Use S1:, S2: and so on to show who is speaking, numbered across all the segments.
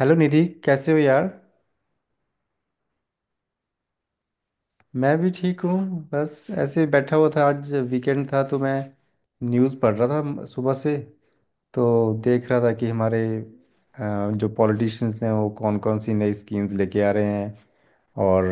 S1: Hello Nidhi, कैसे हो यार। मैं भी ठीक हूँ। बस ऐसे ही बैठा हुआ था, आज वीकेंड था तो मैं न्यूज़ पढ़ रहा था सुबह से। तो देख रहा था कि हमारे जो पॉलिटिशियंस हैं वो कौन कौन सी नई स्कीम्स लेके आ रहे हैं। और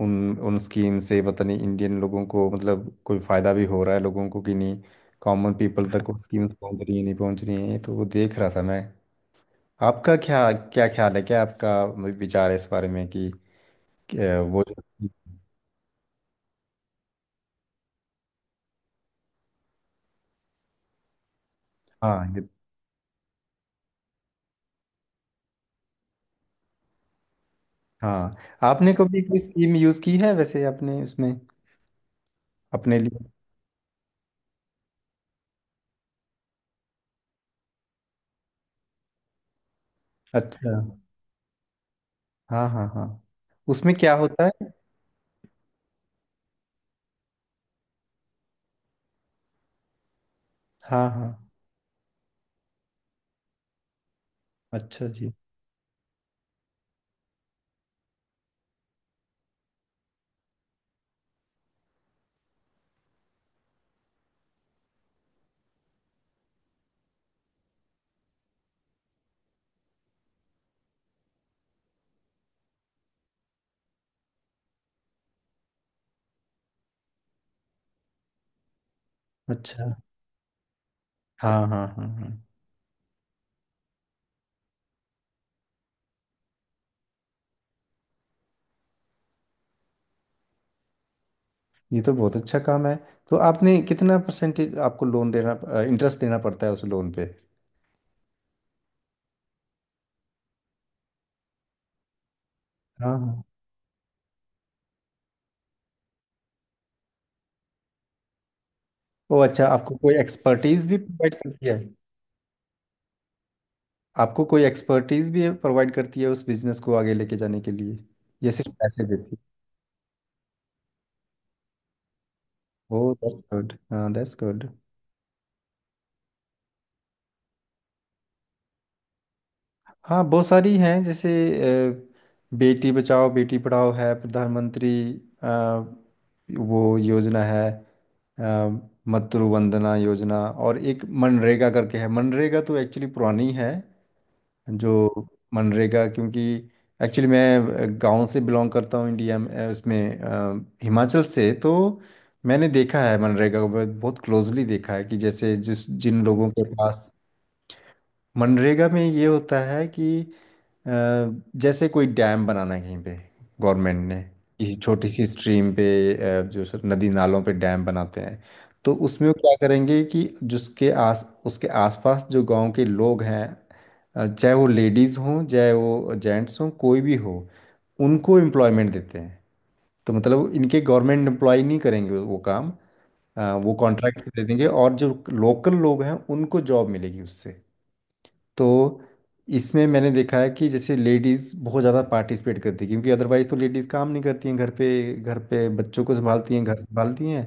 S1: उन उन स्कीम से पता नहीं इंडियन लोगों को मतलब कोई फ़ायदा भी हो रहा है लोगों को कि नहीं, कॉमन पीपल तक वो स्कीम्स पहुंच रही है नहीं पहुंच रही है, तो वो देख रहा था मैं। आपका क्या क्या ख्याल है, क्या आपका विचार है इस बारे में कि कि, अ, वो जो- हाँ हाँ। आपने कभी कोई स्कीम यूज़ की है वैसे, अपने उसमें अपने लिए? अच्छा। हाँ हाँ हाँ। उसमें क्या होता है? हाँ हाँ। अच्छा जी। अच्छा। हाँ हाँ हाँ हाँ। ये तो बहुत अच्छा काम है। तो आपने कितना परसेंटेज आपको लोन देना, इंटरेस्ट देना पड़ता है उस लोन पे? हाँ हाँ। ओ अच्छा, आपको कोई एक्सपर्टीज भी प्रोवाइड करती है? आपको कोई एक्सपर्टीज भी प्रोवाइड करती है उस बिजनेस को आगे लेके जाने के लिए, ये सिर्फ पैसे देती है? ओ दैट्स गुड, हाँ दैट्स गुड। हाँ बहुत सारी हैं, जैसे बेटी बचाओ बेटी पढ़ाओ है प्रधानमंत्री, अ, वो योजना है, अ, मातृ वंदना योजना, और एक मनरेगा करके है। मनरेगा तो एक्चुअली पुरानी है जो, मनरेगा क्योंकि एक्चुअली मैं गांव से बिलोंग करता हूँ इंडिया में, हिमाचल से, तो मैंने देखा है मनरेगा को बहुत बहुत क्लोजली देखा है कि जैसे जिस जिन लोगों के पास, मनरेगा में ये होता है कि अ, जैसे कोई डैम बनाना है कहीं पे, गवर्नमेंट ने ये छोटी सी स्ट्रीम पे, जो सर नदी नालों पे डैम बनाते हैं, तो उसमें वो क्या करेंगे कि जिसके आस उसके आसपास जो गांव के लोग हैं, चाहे वो लेडीज़ हों चाहे वो जेंट्स हों कोई भी हो, उनको एम्प्लॉयमेंट देते हैं। तो मतलब इनके गवर्नमेंट एम्प्लॉय नहीं करेंगे वो काम, वो कॉन्ट्रैक्ट दे देंगे और जो लोकल लोग हैं उनको जॉब मिलेगी उससे। तो इसमें मैंने देखा है कि जैसे लेडीज़ बहुत ज़्यादा पार्टिसिपेट करती है क्योंकि अदरवाइज़ तो लेडीज़ काम नहीं करती हैं घर पे, घर पे बच्चों को संभालती हैं, घर संभालती हैं,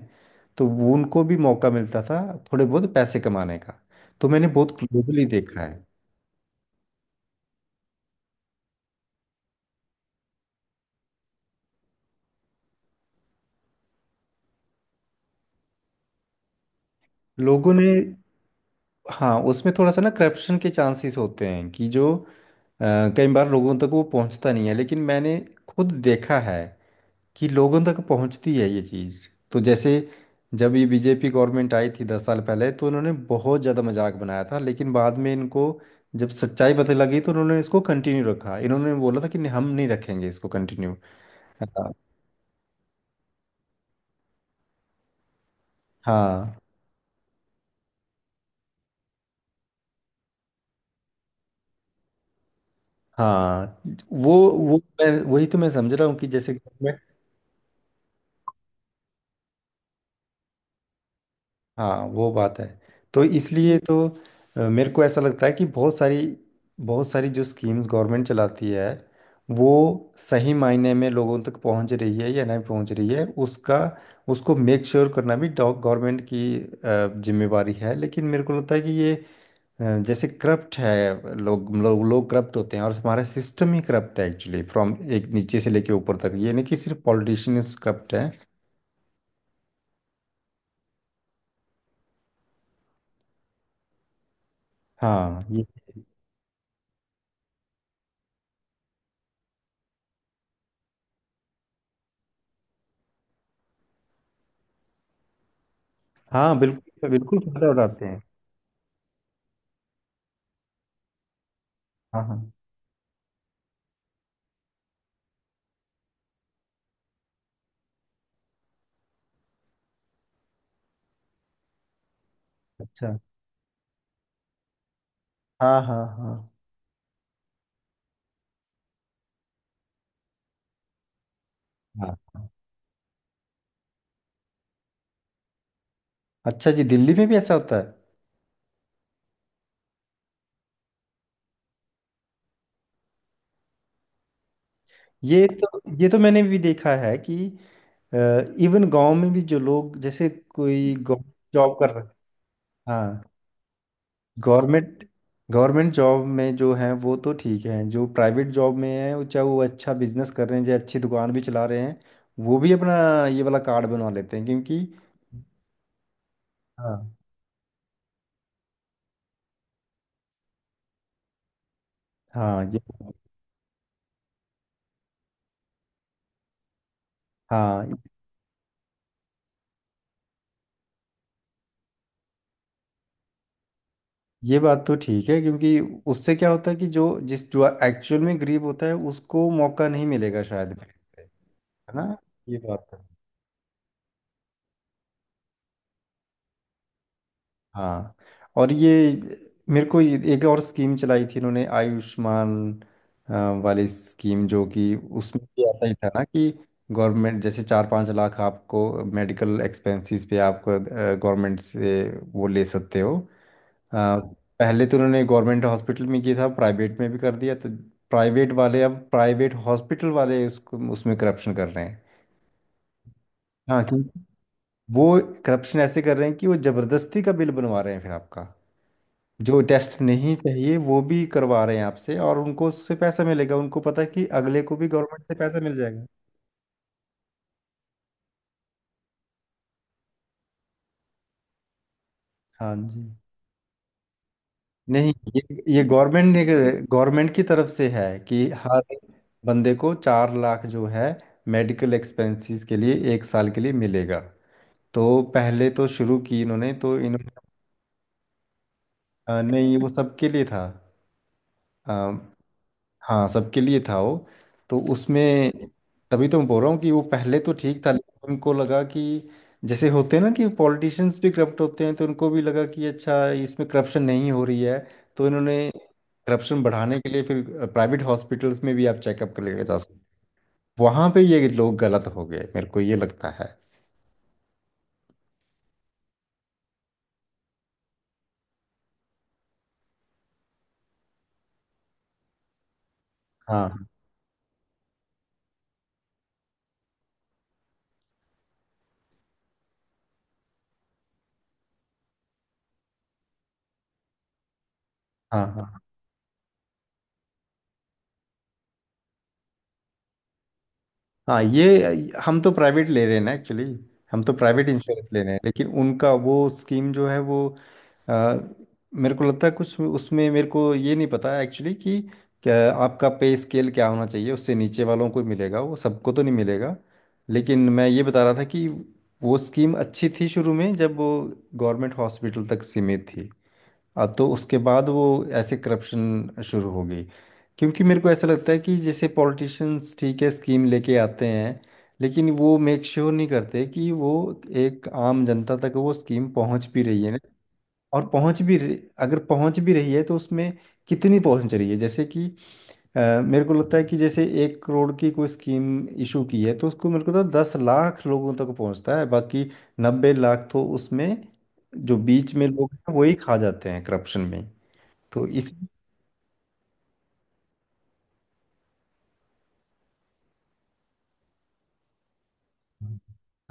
S1: तो वो उनको भी मौका मिलता था थोड़े बहुत पैसे कमाने का। तो मैंने बहुत क्लोजली देखा है। लोगों ने, हाँ उसमें थोड़ा सा ना करप्शन के चांसेस होते हैं कि जो कई बार लोगों तक वो पहुंचता नहीं है, लेकिन मैंने खुद देखा है कि लोगों तक पहुंचती है ये चीज़। तो जैसे जब ये बीजेपी गवर्नमेंट आई थी 10 साल पहले तो उन्होंने बहुत ज़्यादा मजाक बनाया था, लेकिन बाद में इनको जब सच्चाई पता लगी तो उन्होंने इसको कंटिन्यू रखा, इन्होंने बोला था कि नहीं, हम नहीं रखेंगे इसको कंटिन्यू। हाँ हाँ हाँ, वो वो मैं वही तो मैं समझ रहा हूँ कि जैसे, हाँ वो बात है। तो इसलिए तो मेरे को ऐसा लगता है कि बहुत सारी जो स्कीम्स गवर्नमेंट चलाती है वो सही मायने में लोगों तक पहुंच रही है या नहीं पहुंच रही है, उसका उसको मेक श्योर करना भी गवर्नमेंट की जिम्मेवारी है। लेकिन मेरे को लगता है कि ये जैसे करप्ट है, लोग लोग लोग करप्ट होते हैं और हमारा सिस्टम ही करप्ट है एक्चुअली, फ्रॉम एक नीचे से लेके ऊपर तक, ये नहीं कि सिर्फ पॉलिटिशियंस करप्ट हैं। हाँ ये, हाँ बिल्कुल बिल्कुल फायदा उठाते हैं। हाँ हाँ, अच्छा, हाँ हाँ हाँ हाँ। अच्छा जी, दिल्ली में भी ऐसा होता है? ये तो मैंने भी देखा है कि इवन गांव में भी जो लोग जैसे कोई जॉब कर रहे, हाँ, गवर्नमेंट गवर्नमेंट जॉब में जो हैं वो तो ठीक हैं, जो प्राइवेट जॉब में हैं वो, चाहे वो अच्छा बिजनेस कर रहे हैं चाहे अच्छी दुकान भी चला रहे हैं, वो भी अपना ये वाला कार्ड बनवा लेते हैं क्योंकि, हाँ हाँ ये, हाँ ये बात तो ठीक है क्योंकि उससे क्या होता है कि जो एक्चुअल में गरीब होता है उसको मौका नहीं मिलेगा शायद, है ना। ये बात है। हाँ और ये, मेरे को एक और स्कीम चलाई थी इन्होंने, आयुष्मान अ, वाली स्कीम, जो कि उसमें भी ऐसा ही था ना कि गवर्नमेंट जैसे 4 5 लाख आपको मेडिकल एक्सपेंसेस पे आप गवर्नमेंट से वो ले सकते हो। अ, पहले तो उन्होंने गवर्नमेंट हॉस्पिटल में किया था, प्राइवेट में भी कर दिया, तो प्राइवेट वाले, अब प्राइवेट हॉस्पिटल वाले उसको उसमें करप्शन कर रहे हैं। हाँ क्योंकि वो करप्शन ऐसे कर रहे हैं कि वो जबरदस्ती का बिल बनवा रहे हैं फिर आपका, जो टेस्ट नहीं चाहिए वो भी करवा रहे हैं आपसे, और उनको उससे पैसा मिलेगा, उनको पता है कि अगले को भी गवर्नमेंट से पैसा मिल जाएगा। हाँ जी। नहीं ये, ये गवर्नमेंट ने, गवर्नमेंट की तरफ से है कि हर बंदे को 4 लाख जो है मेडिकल एक्सपेंसेस के लिए एक साल के लिए मिलेगा। तो पहले तो शुरू की इन्होंने, तो इन्होंने नहीं, वो सबके लिए था। हाँ सबके लिए था वो। तो उसमें तभी तो मैं बोल रहा हूँ कि वो पहले तो ठीक था, लेकिन उनको लगा कि जैसे होते हैं ना कि पॉलिटिशियंस भी करप्ट होते हैं, तो उनको भी लगा कि अच्छा इसमें करप्शन नहीं हो रही है, तो इन्होंने करप्शन बढ़ाने के लिए फिर प्राइवेट हॉस्पिटल्स में भी आप चेकअप कर लेके जा सकते। वहाँ पे ये लोग गलत हो गए, मेरे को ये लगता है। हाँ हाँ हाँ हाँ ये, हम तो प्राइवेट ले रहे हैं ना एक्चुअली, हम तो प्राइवेट इंश्योरेंस ले रहे हैं, लेकिन उनका वो स्कीम जो है वो अ, मेरे को लगता है कुछ उसमें, मेरे को ये नहीं पता एक्चुअली कि क्या, आपका पे स्केल क्या होना चाहिए, उससे नीचे वालों को मिलेगा वो, सबको तो नहीं मिलेगा। लेकिन मैं ये बता रहा था कि वो स्कीम अच्छी थी शुरू में जब वो गवर्नमेंट हॉस्पिटल तक सीमित थी, अब तो उसके बाद वो ऐसे करप्शन शुरू हो गई। क्योंकि मेरे को ऐसा लगता है कि जैसे पॉलिटिशियंस ठीक है स्कीम लेके आते हैं, लेकिन वो मेक श्योर नहीं करते कि वो एक आम जनता तक वो स्कीम पहुंच भी रही है ना। और अगर पहुंच भी रही है तो उसमें कितनी पहुंच रही है, जैसे कि मेरे को लगता है कि जैसे 1 करोड़ की कोई स्कीम इशू की है तो उसको मेरे को लगता है 10 लाख लोगों तक पहुंचता है, बाकी 90 लाख तो उसमें जो बीच में लोग हैं वही खा जाते हैं करप्शन में। तो इस,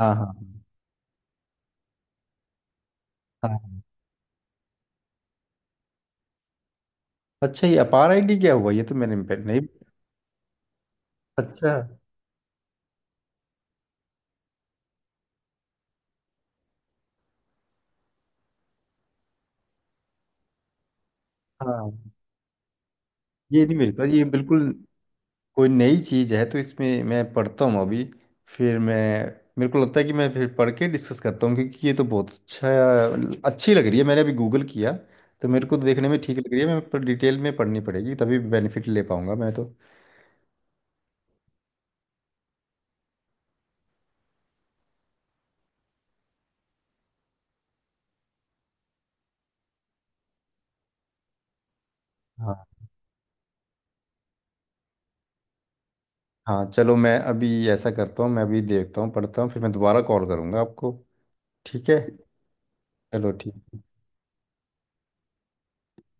S1: हाँ हाँ हाँ। हाँ। अच्छा ये अपार आईडी क्या हुआ, ये तो मैंने नहीं। अच्छा। हाँ ये नहीं, मेरे पास ये बिल्कुल कोई नई चीज़ है, तो इसमें मैं पढ़ता हूँ अभी, फिर मैं मेरे को लगता है कि मैं फिर पढ़ के डिस्कस करता हूँ, क्योंकि ये तो बहुत अच्छी लग रही है, मैंने अभी गूगल किया तो मेरे को तो देखने में ठीक लग रही है, मैं पर डिटेल में पढ़नी पड़ेगी तभी बेनिफिट ले पाऊंगा मैं तो। हाँ हाँ। चलो मैं अभी ऐसा करता हूँ, मैं अभी देखता हूँ पढ़ता हूँ फिर मैं दोबारा कॉल करूँगा आपको। ठीक है। चलो ठीक।